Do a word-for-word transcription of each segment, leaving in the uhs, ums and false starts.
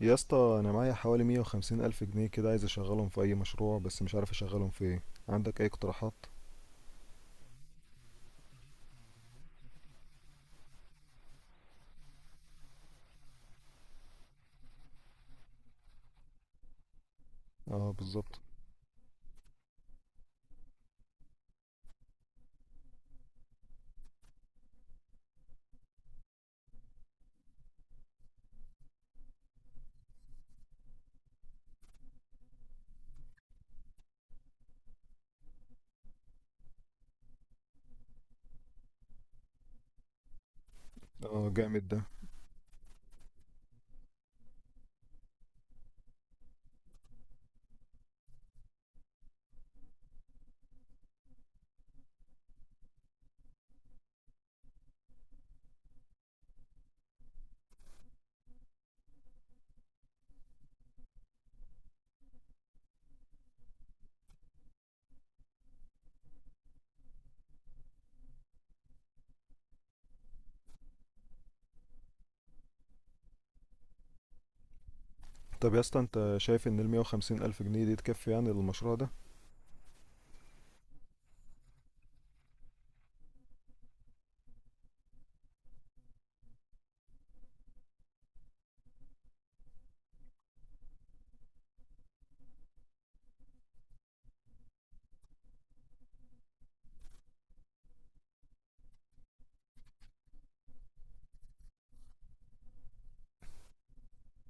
يا اسطى، انا معايا حوالي مية وخمسين الف جنيه كده، عايز اشغلهم في اي مشروع بس مش عارف اشغلهم في ايه. عندك اي اقتراحات؟ اه، بالظبط. اه، جامد ده. طب يا اسطى، انت شايف ان ال مية وخمسين الف جنيه دي تكفي يعني للمشروع ده؟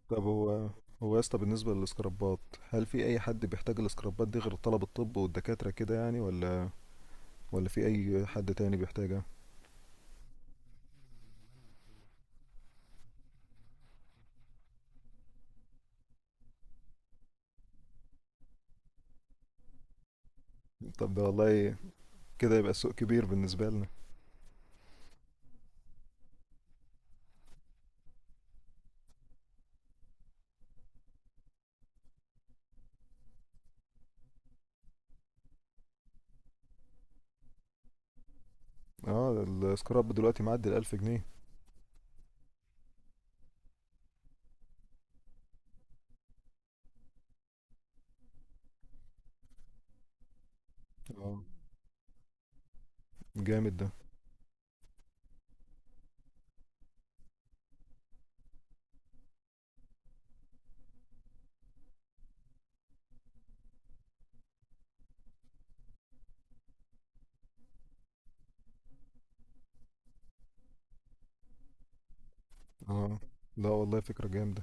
طب هو هو يا اسطى، بالنسبه للسكرابات، هل في اي حد بيحتاج السكرابات دي غير طلب الطب والدكاتره كده يعني؟ ولا ولا في اي حد تاني بيحتاجها؟ طب ده والله، كده يبقى السوق كبير بالنسبه لنا. اه، السكراب دلوقتي معدي الالف جنيه. اه، جامد ده. اه، لا والله فكره جامده.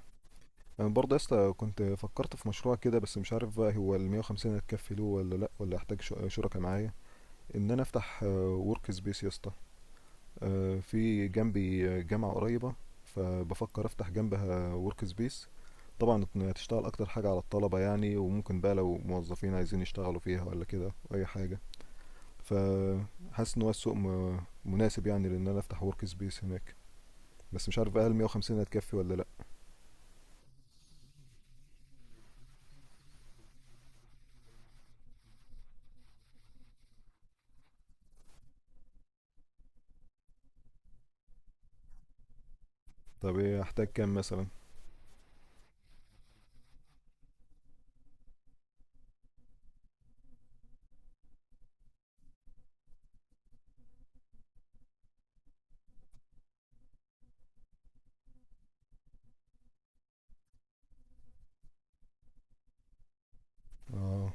انا برضه يا اسطى كنت فكرت في مشروع كده، بس مش عارف بقى هو ال مية وخمسين هتكفي له ولا لا، ولا احتاج شو- شركاء معايا. ان انا افتح ورك سبيس يا اسطى، آه، في جنبي آه، جامعة قريبة، فبفكر افتح جنبها ورك سبيس. طبعا إن هتشتغل اكتر حاجة على الطلبة يعني، وممكن بقى لو موظفين عايزين يشتغلوا فيها ولا كده اي حاجة. فحاسس ان هو السوق م- مناسب يعني، لان انا افتح ورك سبيس هناك، بس مش عارف بقى هل مية وخمسين هتكفي ولا لا. طب ايه احتاج كام مثلا؟ اه.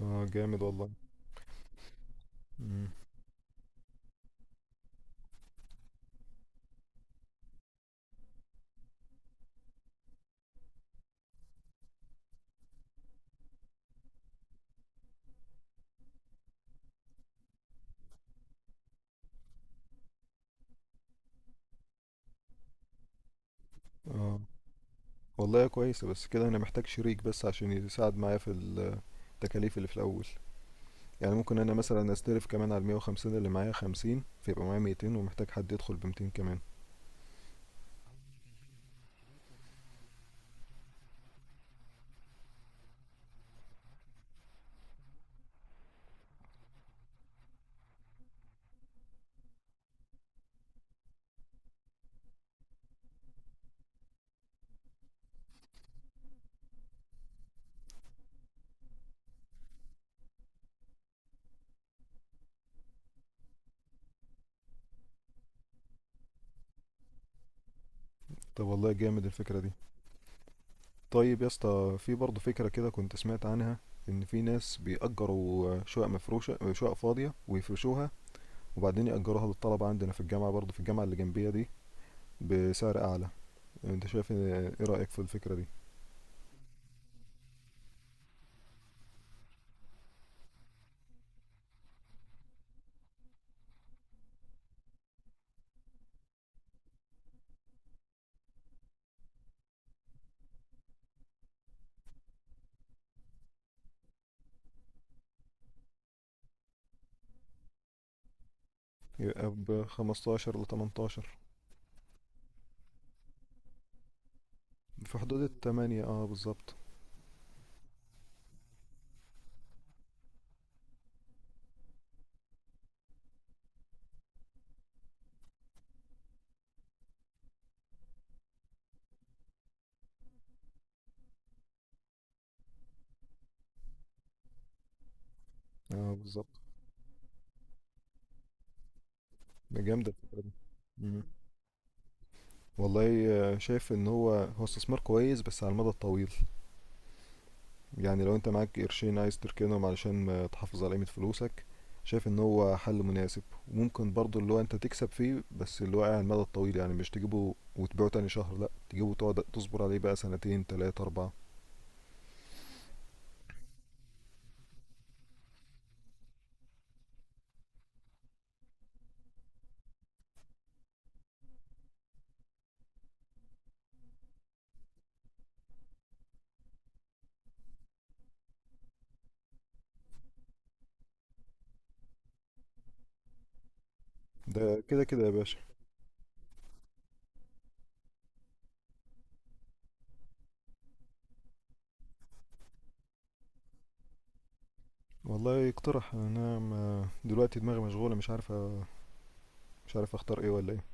اه، جامد والله. مم. اه. والله كويسة، بس كده انا محتاج شريك بس عشان يساعد معايا في ال- التكاليف اللي في الاول. يعني ممكن انا مثلا استلف كمان على المية وخمسين، اللي معايا خمسين فيبقى معايا ميتين، ومحتاج حد يدخل بمتين كمان. طب والله جامد الفكرة دي. طيب يا اسطى، في برضه فكرة كده كنت سمعت عنها، ان في ناس بيأجروا شقق مفروشة، شقق فاضية ويفرشوها، وبعدين يأجروها للطلبة عندنا في الجامعة، برضه في الجامعة اللي جنبية دي، بسعر اعلى. انت شايف ايه رأيك في الفكرة دي؟ يبقى ب خمسة عشر ل ثمانية عشر. في حدود التمانية، اه بالظبط. اه، بالظبط. ده جامدة الفكرة دي. مم. والله، آه، شايف ان هو هو استثمار كويس بس على المدى الطويل. يعني لو انت معاك قرشين عايز تركنهم علشان ما تحافظ على قيمة فلوسك، شايف ان هو حل مناسب، وممكن برضو اللي هو انت تكسب فيه، بس اللي هو على المدى الطويل يعني، مش تجيبه وتبيعه تاني شهر، لا، تجيبه وتقعد تصبر عليه بقى سنتين تلاتة اربعة. ده كده كده يا باشا. والله اقترح، انا ما- دلوقتي دماغي مشغولة، مش عارف أ- مش عارف اختار ايه ولا ايه.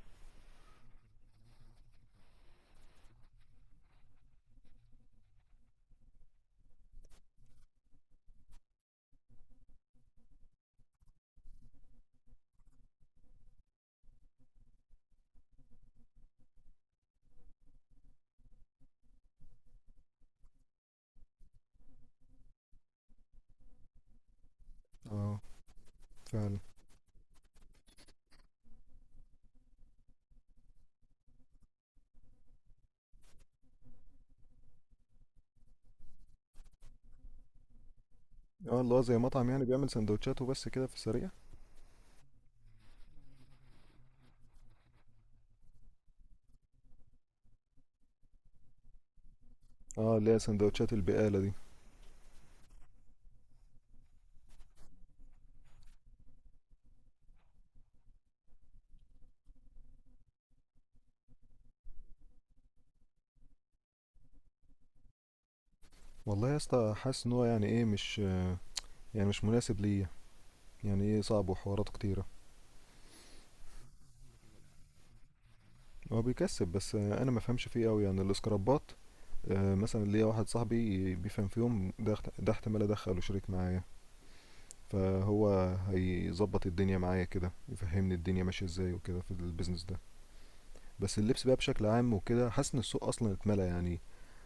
اه، فعلا. اه، اللي هو زي مطعم يعني، بيعمل سندوتشات وبس كده في السريع. اه، اللي هي سندوتشات البقالة دي. والله يا اسطى حاسس ان هو يعني ايه، مش آه، يعني مش مناسب ليا، يعني ايه، صعب وحواراته كتيرة. هو بيكسب، بس آه، انا ما فهمش فيه قوي يعني الاسكرابات. آه، مثلا ليا واحد صاحبي بيفهم فيهم، ده احت- ده احتمال ادخله شريك معايا، فهو هيظبط الدنيا معايا كده، يفهمني الدنيا ماشيه ازاي وكده في البيزنس ده. بس اللبس بقى بشكل عام وكده حاسس ان السوق اصلا اتملى يعني.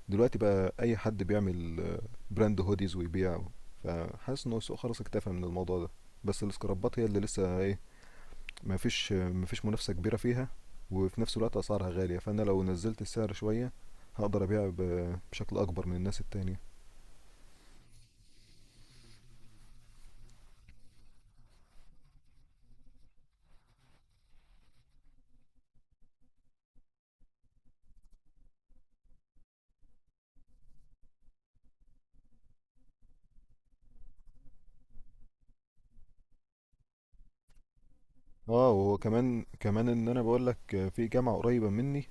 دلوقتي بقى اي حد بيعمل آه، براند هوديز ويبيعه، فحاسس ان هو السوق خلاص اكتفى من الموضوع ده. بس السكرابات هي اللي لسه ايه، ما فيش ما فيش منافسة كبيرة فيها، وفي نفس الوقت اسعارها غالية، فانا لو نزلت السعر شوية هقدر ابيع ب- بشكل اكبر من الناس التانية. اه، وهو كمان كمان ان انا بقول لك في جامعة قريبة مني،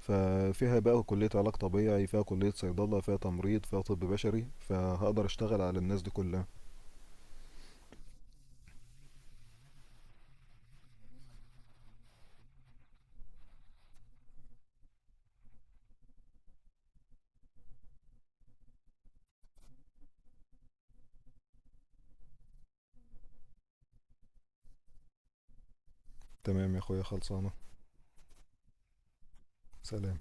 ففيها بقى كلية علاج طبيعي، فيها كلية صيدلة، فيها تمريض، فيها طب بشري، فهقدر اشتغل على الناس دي كلها. تمام يا اخويا، خلصانة. سلام.